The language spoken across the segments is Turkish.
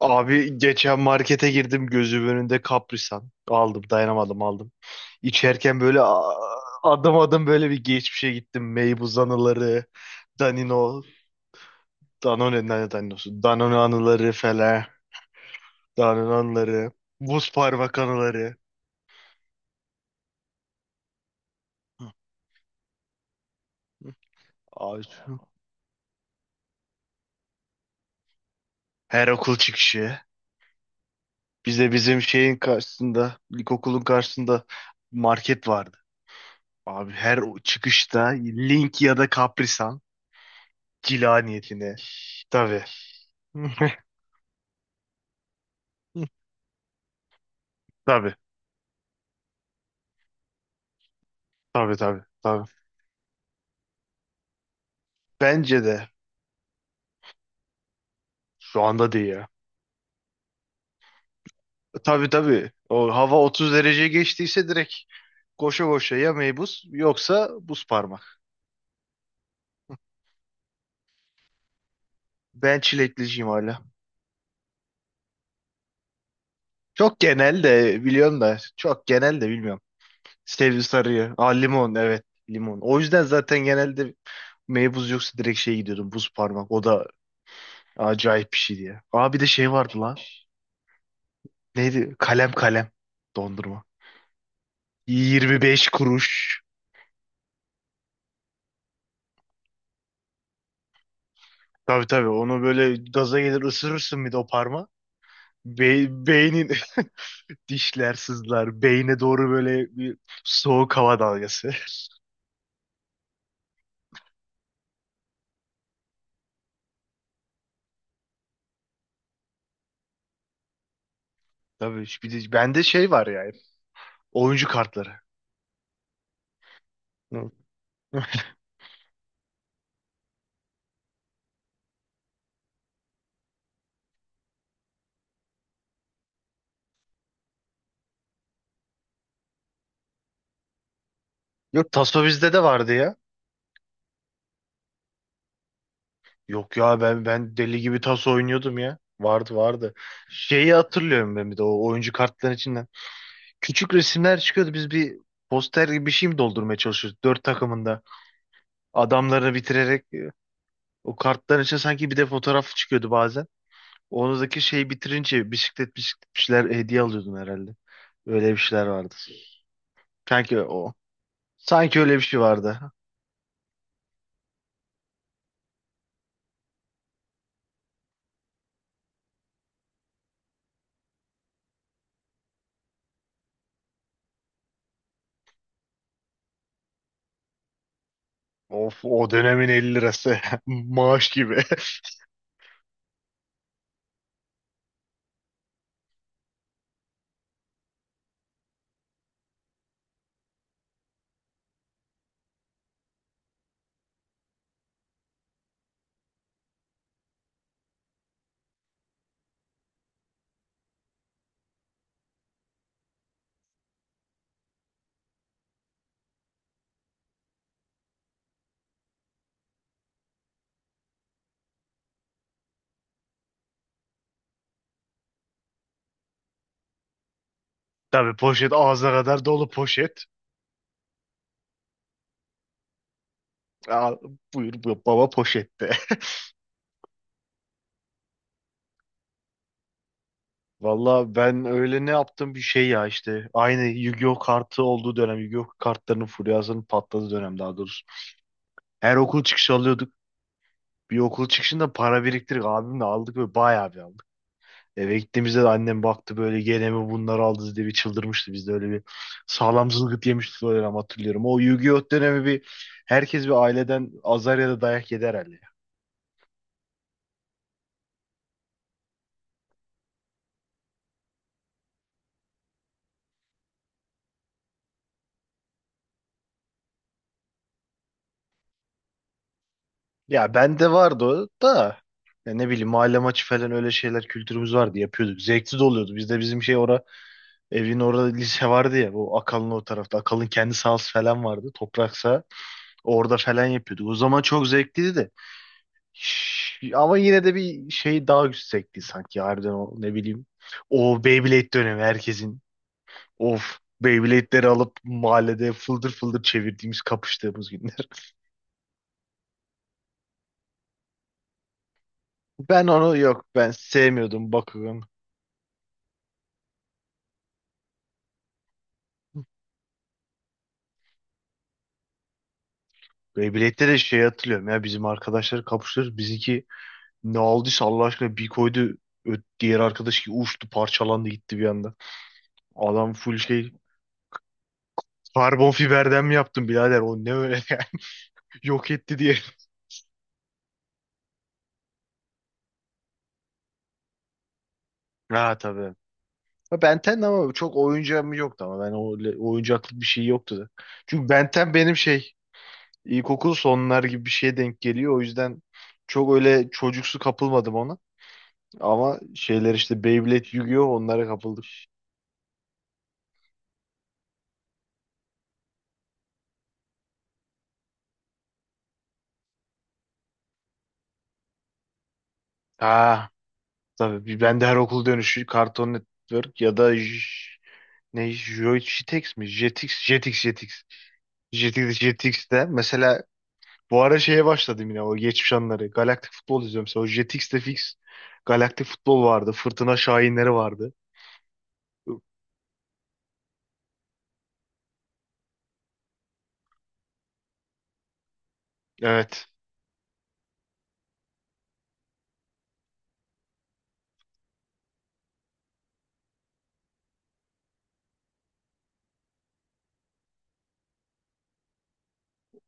Abi, geçen markete girdim, gözümün önünde Kaprisan. Aldım, dayanamadım aldım. İçerken böyle aa, adım adım böyle bir geçmişe gittim. Meybuz anıları, Danino, Danone, ne Danino'su? Danone anıları falan. Danone anıları, buz parmak anıları. Hı. Abi, her okul çıkışı. Bize bizim şeyin karşısında, ilkokulun karşısında market vardı. Abi, her o çıkışta Link ya da Kaprisan cila niyetine. Tabii. Tabii, tabii, tabii, tabii. Bence de şu anda değil ya. Tabii, tabii. O hava 30 derece geçtiyse direkt koşa koşa, ya meybuz yoksa buz parmak. Ben çilekliciyim hala. Çok genel de biliyorum, da çok genel de bilmiyorum. Sevdi sarıyı. Aa, limon, evet, limon. O yüzden zaten genelde meybuz yoksa direkt şey gidiyordum, buz parmak. O da acayip bir şey diye. Aa, bir de şey vardı lan. Neydi? Kalem kalem dondurma. 25 kuruş. Tabii, tabii, onu böyle gaza gelir ısırırsın bir de o parma. Be beynin dişler sızlar. Beyne doğru böyle bir soğuk hava dalgası. Tabii, bir de bende şey var yani. Oyuncu kartları. Hı. Yok, taso bizde de vardı ya. Yok ya, ben deli gibi taso oynuyordum ya. Vardı, vardı. Şeyi hatırlıyorum ben bir de o oyuncu kartların içinden. Küçük resimler çıkıyordu. Biz bir poster gibi bir şey mi doldurmaya çalışıyoruz? Dört takımında adamları bitirerek. O kartların içine sanki bir de fotoğraf çıkıyordu bazen. Oradaki şeyi bitirince bisiklet bisiklet bir şeyler hediye alıyordun herhalde. Öyle bir şeyler vardı. Sanki o. Sanki öyle bir şey vardı. Of, o dönemin 50 lirası. Maaş gibi. Tabii, poşet, ağzına kadar dolu poşet. Aa, buyur baba, poşette. Valla ben öyle ne yaptım bir şey ya işte. Aynı Yu-Gi-Oh kartı olduğu dönem. Yu-Gi-Oh kartlarının furyasının patladığı dönem daha doğrusu. Her okul çıkışı alıyorduk. Bir okul çıkışında para biriktirdik. Abimle aldık ve bayağı bir aldık. Eve gittiğimizde de annem baktı böyle, gene mi bunları aldınız diye bir çıldırmıştı. Biz de öyle bir sağlam zılgıt yemiştik o dönem, hatırlıyorum. O Yu-Gi-Oh dönemi bir, herkes bir aileden azar ya da dayak yedi herhalde. Ya bende vardı o da, ya ne bileyim, mahalle maçı falan, öyle şeyler, kültürümüz vardı, yapıyorduk. Zevkli de oluyordu. Bizde bizim şey ora, evin orada lise vardı ya, bu Akalın, o tarafta. Akalın kendi sahası falan vardı. Toprak saha. Orada falan yapıyorduk. O zaman çok zevkliydi de. Ama yine de bir şey daha yüksekti sanki, harbiden, o ne bileyim. O Beyblade dönemi herkesin. Of, Beyblade'leri alıp mahallede fıldır fıldır çevirdiğimiz, kapıştığımız günler. Ben onu, yok, ben sevmiyordum Bakugan. Beyblade'de de şey hatırlıyorum ya, bizim arkadaşları kapıştırır. Bizimki ne aldıysa, Allah aşkına, bir koydu. Diğer arkadaş ki uçtu, parçalandı, gitti bir anda. Adam full şey, karbon fiberden mi yaptın birader, o ne öyle yok etti diye. Ha, tabii. Ha, Benten de, ama çok oyuncağım yoktu ama ben o, oyuncaklık bir şey yoktu da. Çünkü Benten benim şey, ilkokul sonlar gibi bir şeye denk geliyor. O yüzden çok öyle çocuksu kapılmadım ona. Ama şeyler işte, Beyblade, Yu-Gi-Oh, onlara kapıldım. Ha, tabii ben de her okul dönüşü Cartoon Network ya da ne, Jetix mi? Jetix, Jetix, Jetix. Jetix, Jetix'te mesela, bu ara şeye başladım yine, o geçmiş anları. Galaktik futbol izliyorum. Mesela o Jetix'te fix Galaktik futbol vardı. Fırtına Şahinleri vardı. Evet.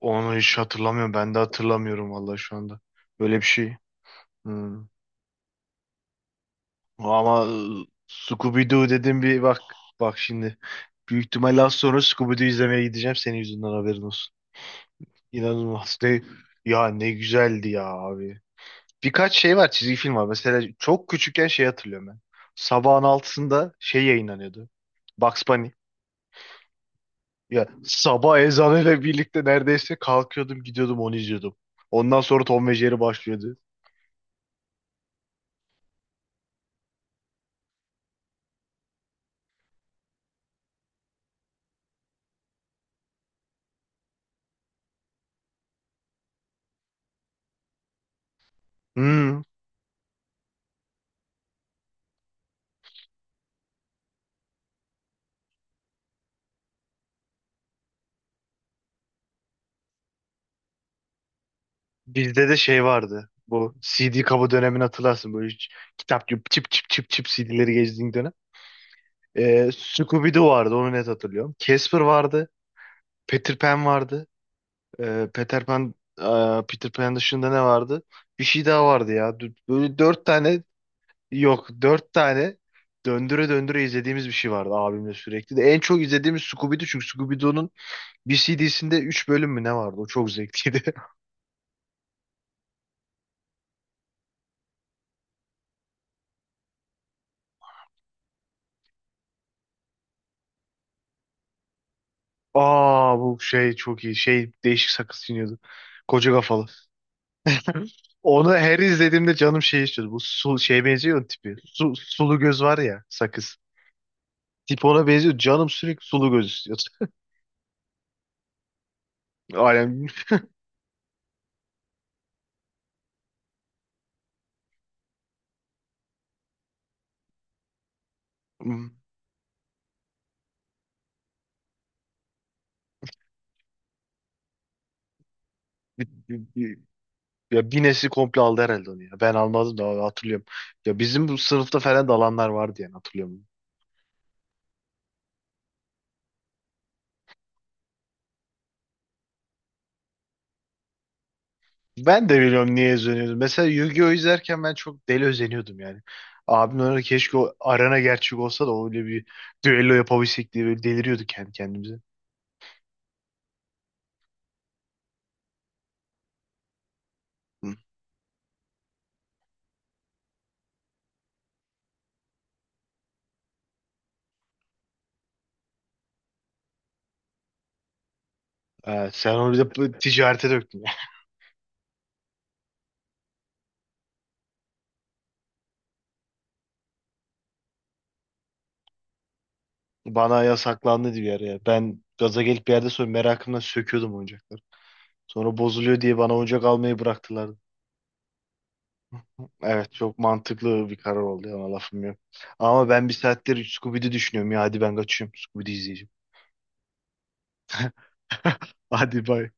Onu hiç hatırlamıyorum. Ben de hatırlamıyorum vallahi şu anda. Böyle bir şey. Hmm. Ama Scooby-Doo dedim, bir bak. Bak şimdi. Büyük ihtimalle az sonra Scooby-Doo izlemeye gideceğim. Senin yüzünden, haberin olsun. İnanılmaz. Ne, ya ne güzeldi ya abi. Birkaç şey var, çizgi film var. Mesela çok küçükken şey hatırlıyorum ben. Sabahın altısında şey yayınlanıyordu. Bugs Bunny. Ya sabah ezanıyla birlikte neredeyse kalkıyordum, gidiyordum, onu izliyordum. Ondan sonra Tom ve Jerry başlıyordu. Hmm, bizde de şey vardı. Bu CD kabı dönemini hatırlarsın. Böyle hiç kitap gibi çip çip çip çip CD'leri gezdiğin dönem. Scooby-Doo vardı, onu net hatırlıyorum. Casper vardı. Peter Pan vardı. Ee, Peter Pan, e, Peter Pan dışında ne vardı? Bir şey daha vardı ya. Dü- Böyle dört tane, yok, dört tane döndüre döndüre izlediğimiz bir şey vardı abimle sürekli. De en çok izlediğimiz Scooby-Doo, çünkü Scooby-Doo'nun bir CD'sinde 3 bölüm mü ne vardı? O çok zevkliydi. Aa, bu şey çok iyi. Şey, değişik sakız çiğniyordu. Koca kafalı. Onu her izlediğimde canım şey istiyordu. Bu şeye benziyor ya, tipi. Sulu göz var ya, sakız. Tip ona benziyor. Canım sürekli sulu göz istiyordu. Alem. Bir, bir, bir- ya bir nesli komple aldı herhalde onu ya. Ben almadım da hatırlıyorum. Ya bizim bu sınıfta falan da alanlar vardı, yani hatırlıyorum. Ben de biliyorum niye özeniyordum. Mesela Yu-Gi-Oh izlerken ben çok deli özeniyordum yani. Abim öyle, keşke o arena gerçek olsa da öyle bir düello yapabilsek diye böyle deliriyorduk kendi kendimize. Hı. Evet, sen onu bir de bu ticarete döktün ya. Bana yasaklandı bir ara ya. Ben gaza gelip bir yerde, sonra merakımdan söküyordum oyuncakları. Sonra bozuluyor diye bana oyuncak almayı bıraktılar. Evet, çok mantıklı bir karar oldu, ona lafım yok. Ama ben bir saattir Scooby-Doo düşünüyorum ya, hadi ben kaçıyorum, Scooby-Doo izleyeceğim. Hadi, bay.